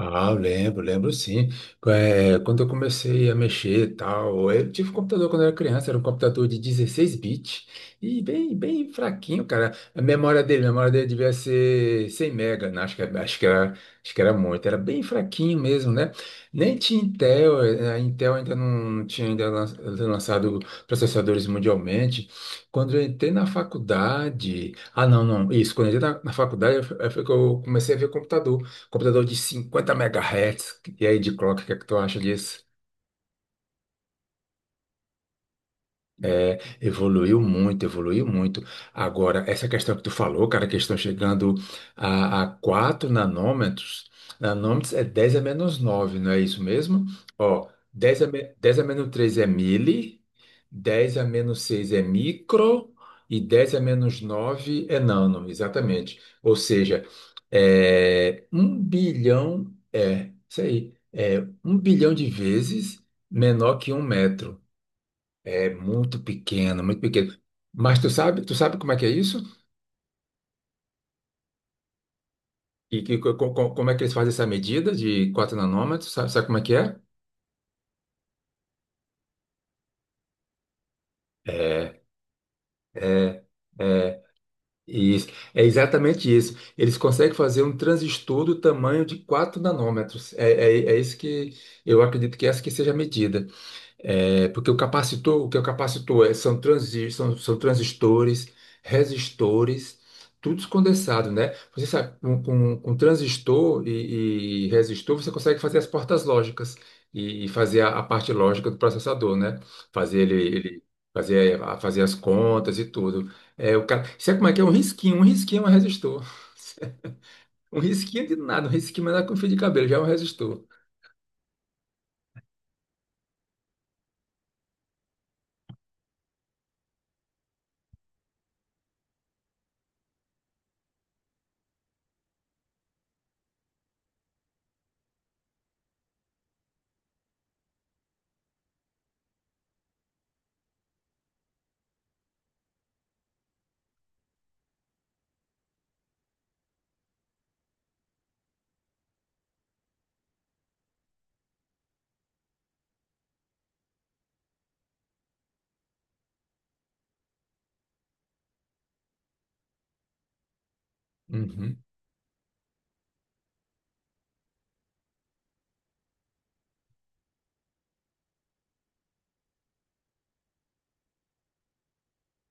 Ah, lembro, lembro sim. É, quando eu comecei a mexer e tal, eu tive um computador quando eu era criança, era um computador de 16 bits e bem, bem fraquinho, cara. A memória dele devia ser 100 mega, né? Acho que era muito, era bem fraquinho mesmo, né? Nem tinha Intel, a Intel ainda não tinha ainda lançado processadores mundialmente. Quando eu entrei na faculdade, não, não, isso, quando eu entrei na faculdade, foi que eu comecei a ver computador. Computador de 50 megahertz. E aí, de clock, o que é que tu acha disso? É, evoluiu muito, evoluiu muito. Agora, essa questão que tu falou, cara, que estão chegando a 4 nanômetros. Nanômetros é 10 a menos 9, não é isso mesmo? Ó, 10 a menos 3 é mili, 10 a menos 6 é micro e 10 a menos 9 é nano, exatamente. Ou seja, é, 1 bilhão, é, isso aí, é 1 bilhão de vezes menor que um metro. É muito pequeno, muito pequeno. Mas tu sabe como é que é isso? E que, como é que eles fazem essa medida de 4 nanômetros? Sabe, sabe como é que é? É, é, é, isso. É exatamente isso. Eles conseguem fazer um transistor do tamanho de 4 nanômetros. É, é, é isso que eu acredito que é essa que seja a medida. É, porque o capacitor, o que é o capacitor é, são transistores, resistores, tudo condensado, né? Você sabe, com transistor e resistor, você consegue fazer as portas lógicas e fazer a parte lógica do processador, né? Fazer ele fazer as contas e tudo. É, o cara, sabe como é que é? Um risquinho é um resistor. Um risquinho de nada, um risquinho não é nada com fio de cabelo, já é um resistor. Uhum.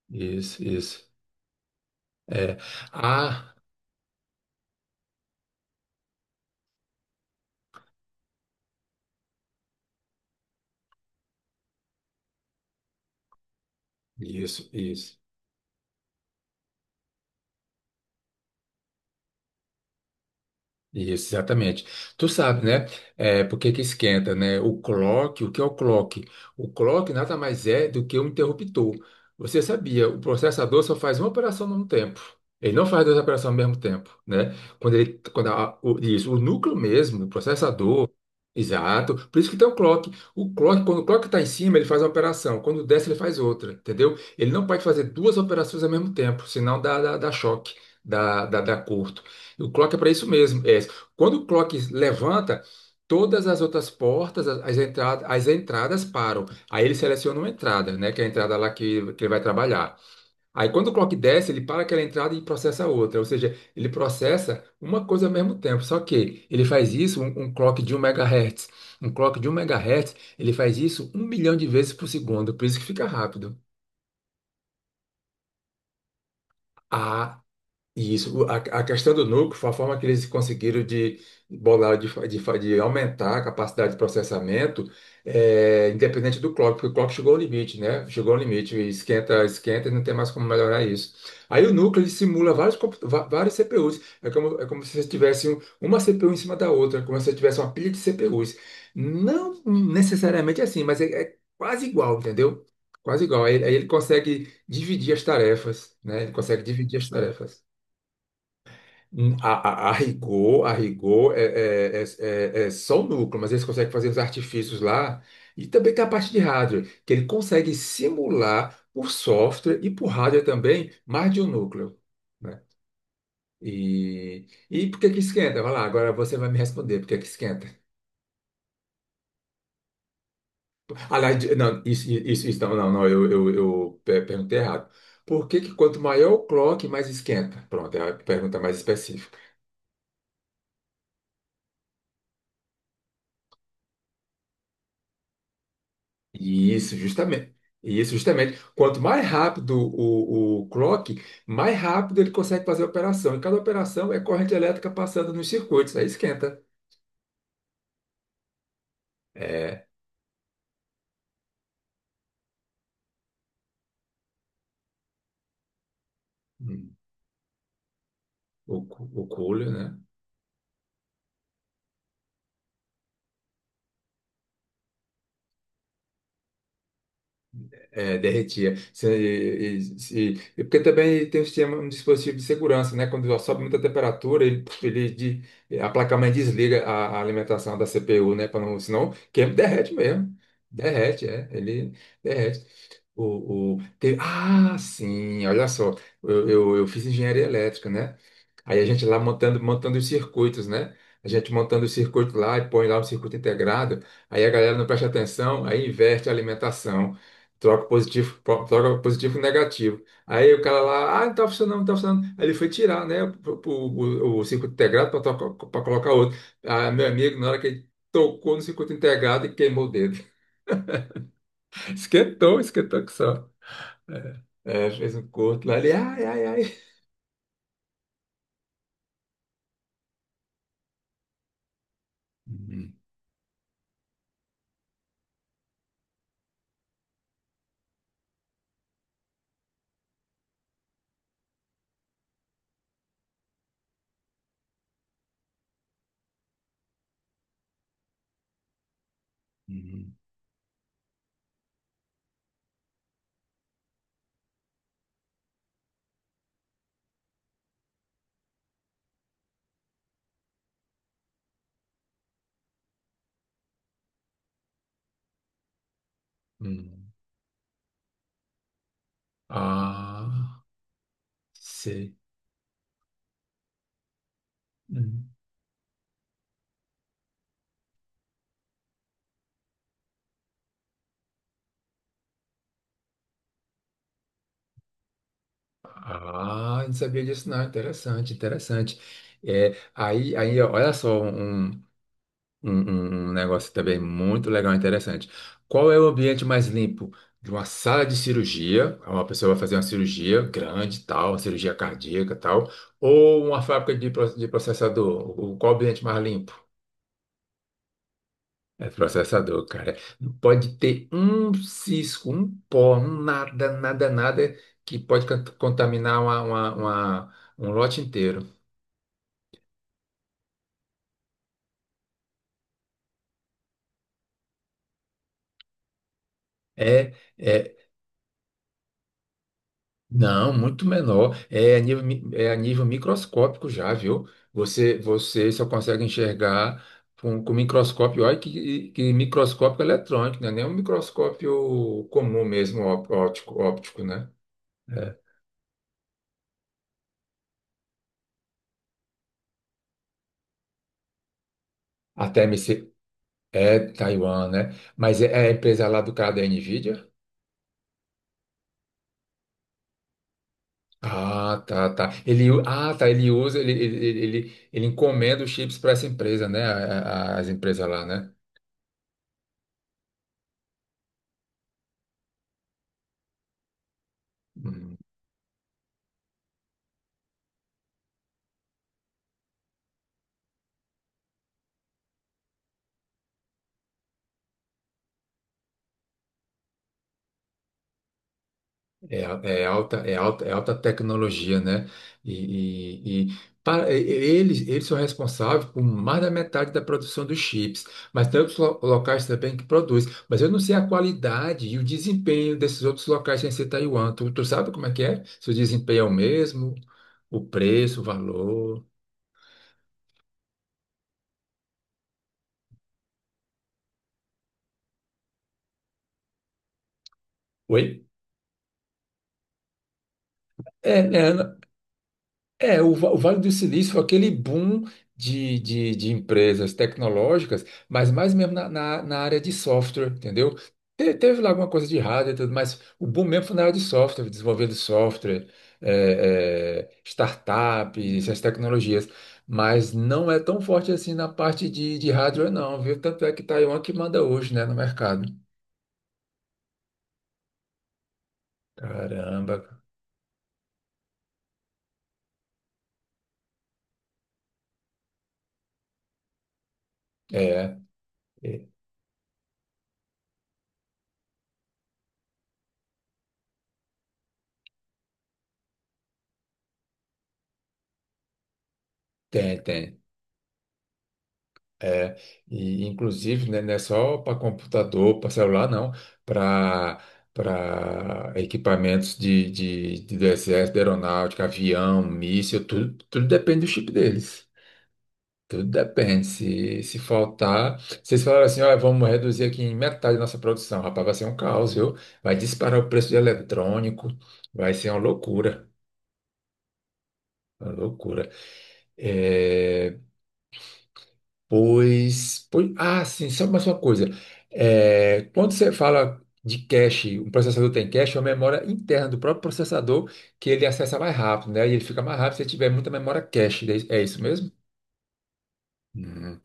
Isso, isso. É. Ah. Isso, isso. Isso, exatamente. Tu sabe, né? É, por que que esquenta, né? O clock, o que é o clock? O clock nada mais é do que um interruptor. Você sabia, o processador só faz uma operação ao mesmo tempo. Ele não faz duas operações ao mesmo tempo, né? Quando o, isso, o núcleo mesmo, o processador, exato. Por isso que tem o clock. O clock, quando o clock está em cima, ele faz uma operação. Quando desce, ele faz outra, entendeu? Ele não pode fazer duas operações ao mesmo tempo, senão dá choque, dá curto. O clock é para isso mesmo. É quando o clock levanta, todas as outras portas, as entradas param. Aí ele seleciona uma entrada, né? Que é a entrada lá que ele vai trabalhar. Aí quando o clock desce, ele para aquela entrada e processa outra. Ou seja, ele processa uma coisa ao mesmo tempo. Só que ele faz isso, um clock de 1 megahertz. Um clock de um megahertz, ele faz isso 1 milhão de vezes por segundo. Por isso que fica rápido. Ah. E isso, a questão do núcleo foi a forma que eles conseguiram de bolar, de aumentar a capacidade de processamento, independente do clock, porque o clock chegou ao limite, né? Chegou ao limite, e esquenta, esquenta e não tem mais como melhorar isso. Aí o núcleo ele simula vários CPUs, é como se você tivesse uma CPU em cima da outra, como se você tivesse uma pilha de CPUs. Não necessariamente assim, mas é quase igual, entendeu? Quase igual. Aí ele consegue dividir as tarefas, né? Ele consegue dividir as tarefas. Hum, A, a rigor é só o núcleo, mas eles conseguem fazer os artifícios lá. E também tem a parte de hardware, que ele consegue simular por software e por hardware também mais de um núcleo. Né? E por que que esquenta? Vai lá, agora você vai me responder por que que esquenta. Aliás, não, isso não, não, não, eu perguntei errado. Por que que quanto maior o clock, mais esquenta? Pronto, é a pergunta mais. Isso, justamente. Isso, justamente. Quanto mais rápido o clock, mais rápido ele consegue fazer a operação. E cada operação é corrente elétrica passando nos circuitos, aí esquenta. É, hum, o cooler, né? É, derretia. E porque também tem um sistema, um dispositivo de segurança, né? Quando sobe muita temperatura, a placa-mãe desliga a alimentação da CPU, né? Para não, senão queima, derrete mesmo. Derrete, é. Ele derrete. Ah, sim, olha só. Eu fiz engenharia elétrica, né? Aí a gente lá montando, montando os circuitos, né? A gente montando o circuito lá e põe lá um circuito integrado. Aí a galera não presta atenção, aí inverte a alimentação. Troca positivo e negativo. Aí o cara lá, ah, não tá funcionando, não tá funcionando. Aí ele foi tirar, né, o circuito integrado para colocar outro. Ah, meu amigo, na hora que ele tocou no circuito integrado e queimou o dedo. Esquentou, esquentou que só. É, fez um corte lá, ele, ai, ai, ai. Uhum, uhum, uhum. Ah, sei. Uhum. Ah, não sabia disso, não. Interessante, interessante. É, aí, ó, olha só, um negócio também muito legal e interessante. Qual é o ambiente mais limpo de uma sala de cirurgia? Uma pessoa vai fazer uma cirurgia grande, tal, uma cirurgia cardíaca, tal, ou uma fábrica de processador? Qual o ambiente mais limpo? É processador, cara. Não pode ter um cisco, um pó, um nada, nada, nada que pode contaminar um lote inteiro. É, é, não, muito menor. É a nível microscópico já, viu? Você só consegue enxergar com microscópio. Olha que microscópio eletrônico, não é nem é um microscópio comum mesmo, óptico, óptico, né? É. A TMC é Taiwan, né? Mas é a empresa lá do cara da Nvidia? Ah, tá, tá. Ele usa, ele encomenda os chips para essa empresa, né? As empresas lá, né? Hum. É, é alta, é alta, é alta tecnologia, né? E, e- e eles são responsáveis por mais da metade da produção dos chips, mas tem outros locais também que produzem. Mas eu não sei a qualidade e o desempenho desses outros locais sem ser Taiwan. Tu sabe como é que é? Se o desempenho é o mesmo, o preço, o valor. Oi? É, é, é. O Vale do Silício foi aquele boom de empresas tecnológicas, mas mais mesmo na área de software, entendeu? Teve lá alguma coisa de hardware e tudo, mas o boom mesmo foi na área de software, desenvolvendo software, é, é, startups, essas tecnologias. Mas não é tão forte assim na parte de hardware, não, viu? Tanto é que Taiwan que manda hoje, né, no mercado. Caramba. É, é, tem, tem. É, e inclusive, né, não é só para computador, para celular, não, para equipamentos de do exército, de aeronáutica, avião, míssil, tudo, tudo depende do chip deles. Tudo depende. Se faltar, se eles falarem assim, olha, vamos reduzir aqui em metade a nossa produção, rapaz, vai ser um caos, viu? Vai disparar o preço de eletrônico, vai ser uma loucura. Uma loucura. É, pois, pois, ah, sim, só mais uma coisa. É, quando você fala de cache, um processador tem cache, é uma memória interna do próprio processador que ele acessa mais rápido, né? E ele fica mais rápido se ele tiver muita memória cache. É isso? É isso mesmo? Hum,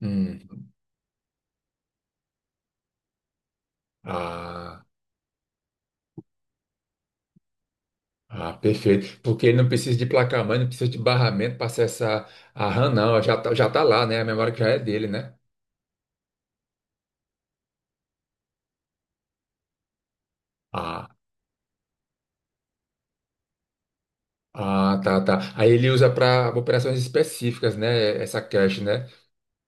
hum. Ah, ah, perfeito. Porque ele não precisa de placa-mãe, não precisa de barramento para acessar a RAM, não. Já tá lá, né? A memória que já é dele, né? Ah, ah, tá, tá. Aí ele usa para operações específicas, né? Essa cache, né?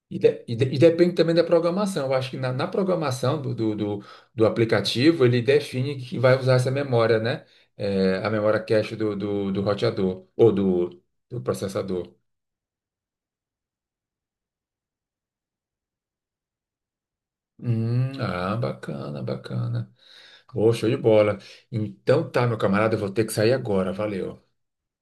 E depende também da programação. Eu acho que na programação do aplicativo, ele define que vai usar essa memória, né? É, a memória cache do roteador ou do processador. Ah, bacana, bacana. Pô, show de bola. Então tá, meu camarada, eu vou ter que sair agora. Valeu.